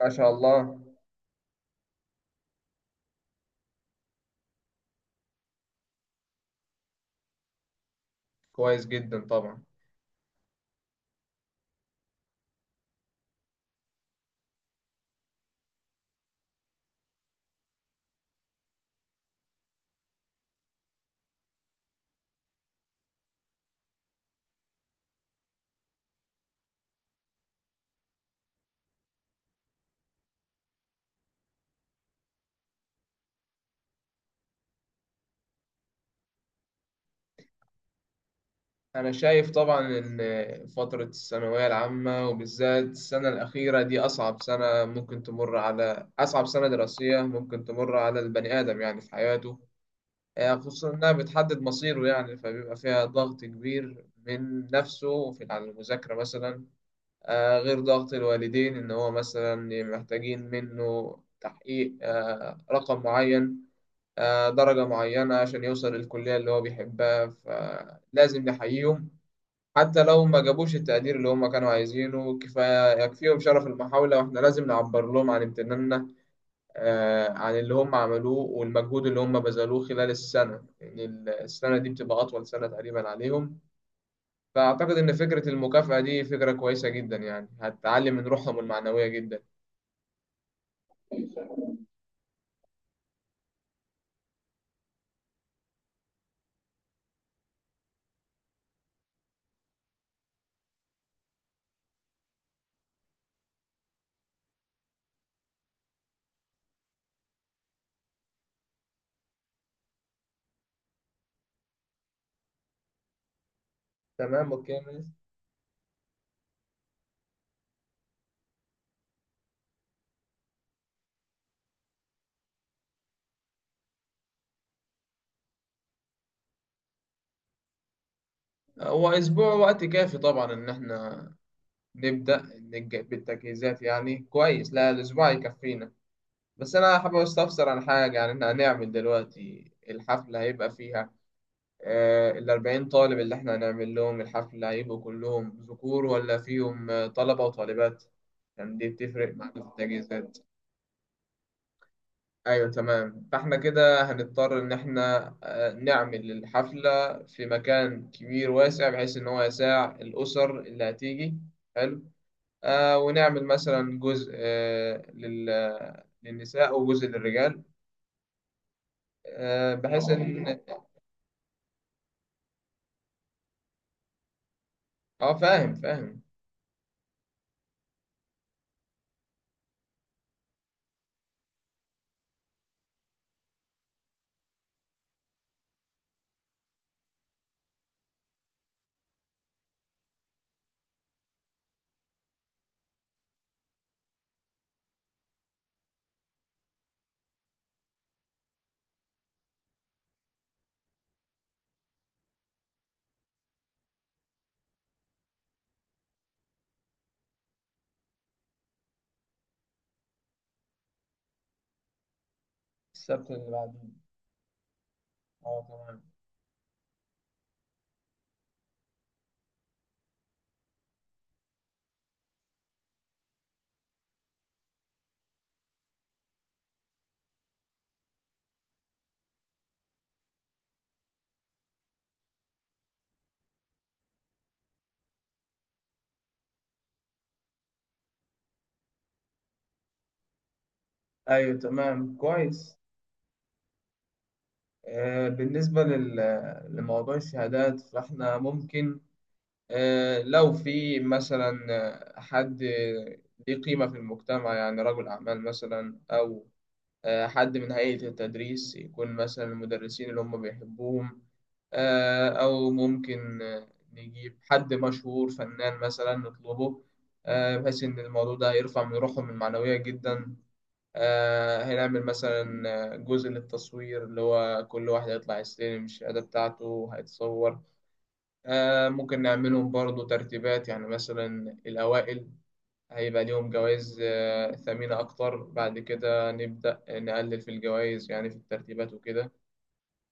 ما شاء الله. كويس جدا طبعا. أنا شايف طبعا إن فترة الثانوية العامة وبالذات السنة الأخيرة دي أصعب سنة ممكن تمر على، أصعب سنة دراسية ممكن تمر على البني آدم يعني في حياته. خصوصا إنها بتحدد مصيره، يعني فبيبقى فيها ضغط كبير من نفسه في على المذاكرة مثلا. غير ضغط الوالدين إن هو مثلا محتاجين منه تحقيق رقم معين، درجة معينة عشان يوصل للكلية اللي هو بيحبها، فلازم نحييهم حتى لو ما جابوش التقدير اللي هم كانوا عايزينه. كفاية يكفيهم شرف المحاولة، واحنا لازم نعبر لهم عن امتناننا، عن اللي هم عملوه والمجهود اللي هم بذلوه خلال السنة يعني. السنة دي بتبقى أطول سنة تقريبا عليهم، فأعتقد إن فكرة المكافأة دي فكرة كويسة جدا يعني، هتعلي من روحهم المعنوية جدا. تمام، اوكي يا ميس. هو اسبوع وقت كافي طبعا ان احنا نبدأ بالتجهيزات، يعني كويس، لا الأسبوع يكفينا. بس أنا حابب أستفسر عن حاجة، يعني إحنا هنعمل دلوقتي الحفلة هيبقى فيها 40 طالب اللي إحنا هنعمل لهم الحفلة، هيبقوا كلهم ذكور ولا فيهم طلبة وطالبات؟ يعني دي بتفرق معانا في التجهيزات. أيوة تمام، فإحنا كده هنضطر إن إحنا نعمل الحفلة في مكان كبير واسع بحيث إن هو يساع الأسر اللي هتيجي. حلو. ونعمل مثلا جزء، للنساء وجزء للرجال، بحيث ان. اه فاهم فاهم. السبت اللي بعده، اه تمام. ايوه تمام كويس. بالنسبة لموضوع الشهادات فاحنا ممكن لو في مثلا حد ليه قيمة في المجتمع، يعني رجل أعمال مثلا، أو حد من هيئة التدريس، يكون مثلا المدرسين اللي هم بيحبوهم، أو ممكن نجيب حد مشهور فنان مثلا نطلبه، بحيث إن الموضوع ده هيرفع من روحهم المعنوية جدا. هنعمل مثلا جزء للتصوير اللي هو كل واحد هيطلع يستلم الشهادة بتاعته هيتصور. ممكن نعملهم برضو ترتيبات، يعني مثلا الأوائل هيبقى ليهم جوائز ثمينة أكتر، بعد كده نبدأ نقلل في الجوائز يعني في الترتيبات وكده،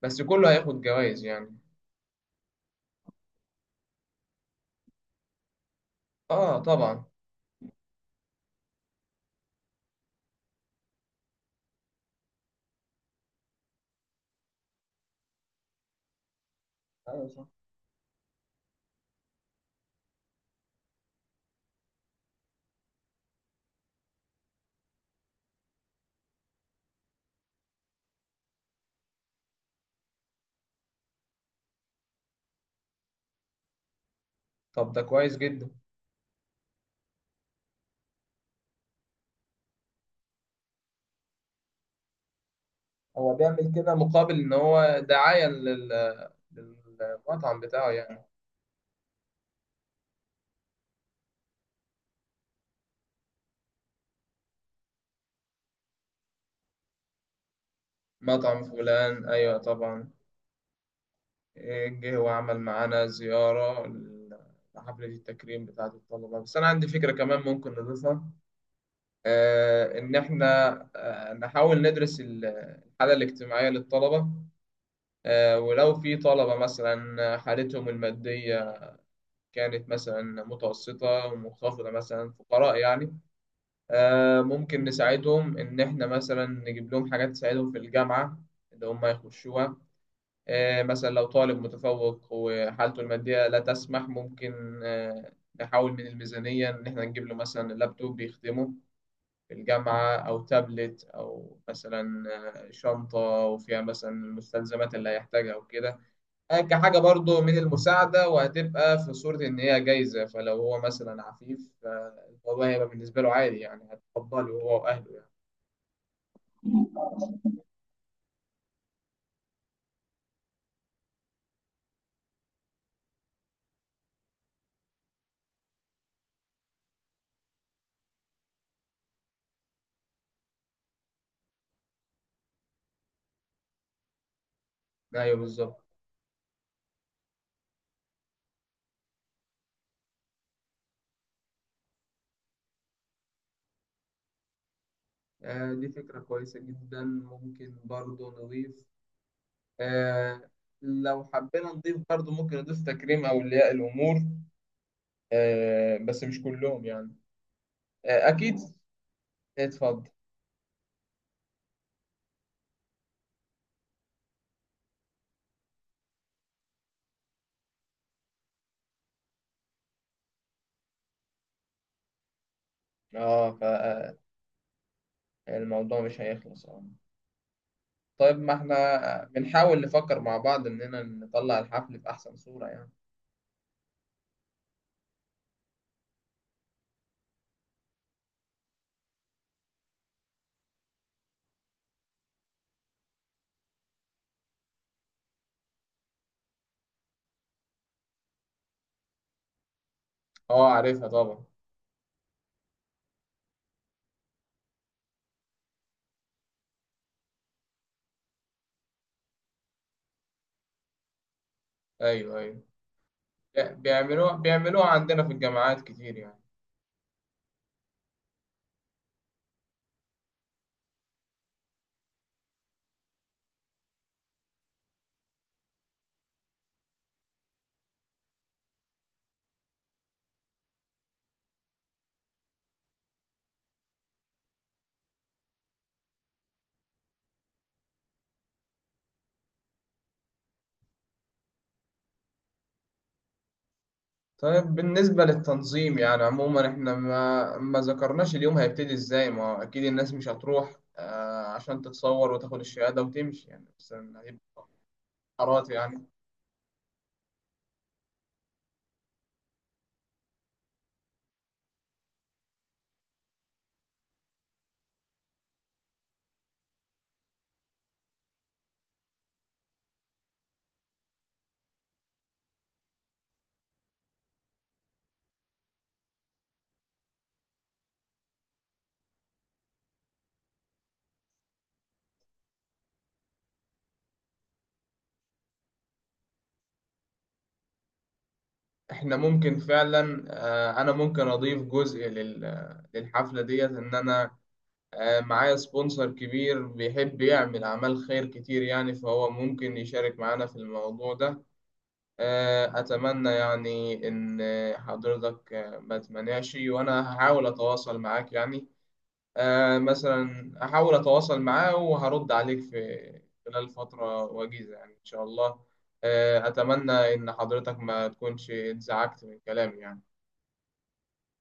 بس كله هياخد جوائز يعني. آه طبعا. طب ده كويس جدا. هو بيعمل كده مقابل ان هو دعاية للمطعم بتاعه يعني. مطعم فلان، ايوه طبعا. إيه، جه وعمل معانا زيارة لحفلة التكريم بتاعة الطلبة. بس انا عندي فكرة كمان ممكن نضيفها، ان احنا نحاول ندرس الحالة الاجتماعية للطلبة، ولو في طلبة مثلا حالتهم المادية كانت مثلا متوسطة ومنخفضة، مثلا فقراء يعني، ممكن نساعدهم إن إحنا مثلا نجيب لهم حاجات تساعدهم في الجامعة اللي هم يخشوها. مثلا لو طالب متفوق وحالته المادية لا تسمح، ممكن نحاول من الميزانية إن إحنا نجيب له مثلا لابتوب بيخدمه في الجامعة، أو تابلت، أو مثلا شنطة وفيها مثلا المستلزمات اللي هيحتاجها وكده، كحاجة برضو من المساعدة، وهتبقى في صورة إن هي جايزة، فلو هو مثلا عفيف فالموضوع هيبقى بالنسبة له عادي يعني، هتقبله هو وأهله يعني. أيوه بالظبط. دي فكرة كويسة جدا، ممكن برضو نضيف آه، لو حبينا نضيف برضو ممكن نضيف تكريم أولياء الأمور، بس مش كلهم يعني. أكيد اتفضل. اه، فالموضوع مش هيخلص اه. طيب ما احنا بنحاول نفكر مع بعض إننا نطلع الحفل بأحسن صورة يعني. اه عارفها طبعا. أيوه أيوه. بيعملوها بيعملوها عندنا في الجامعات كتير يعني. طيب بالنسبة للتنظيم يعني عموما احنا ما ذكرناش اليوم هيبتدي ازاي. ما هو أكيد الناس مش هتروح عشان تتصور وتاخد الشهادة وتمشي يعني، بس هيبقى قرارات يعني. احنا ممكن فعلا انا ممكن اضيف جزء للحفله ديت ان انا معايا سبونسر كبير بيحب يعمل أعمال خير كتير يعني، فهو ممكن يشارك معانا في الموضوع ده. أتمنى يعني إن حضرتك ما تمنعش، وأنا هحاول أتواصل معاك يعني، مثلا أحاول أتواصل معاه وهرد عليك في خلال فترة وجيزة يعني إن شاء الله. أتمنى إن حضرتك ما تكونش اتزعجت من كلامي يعني.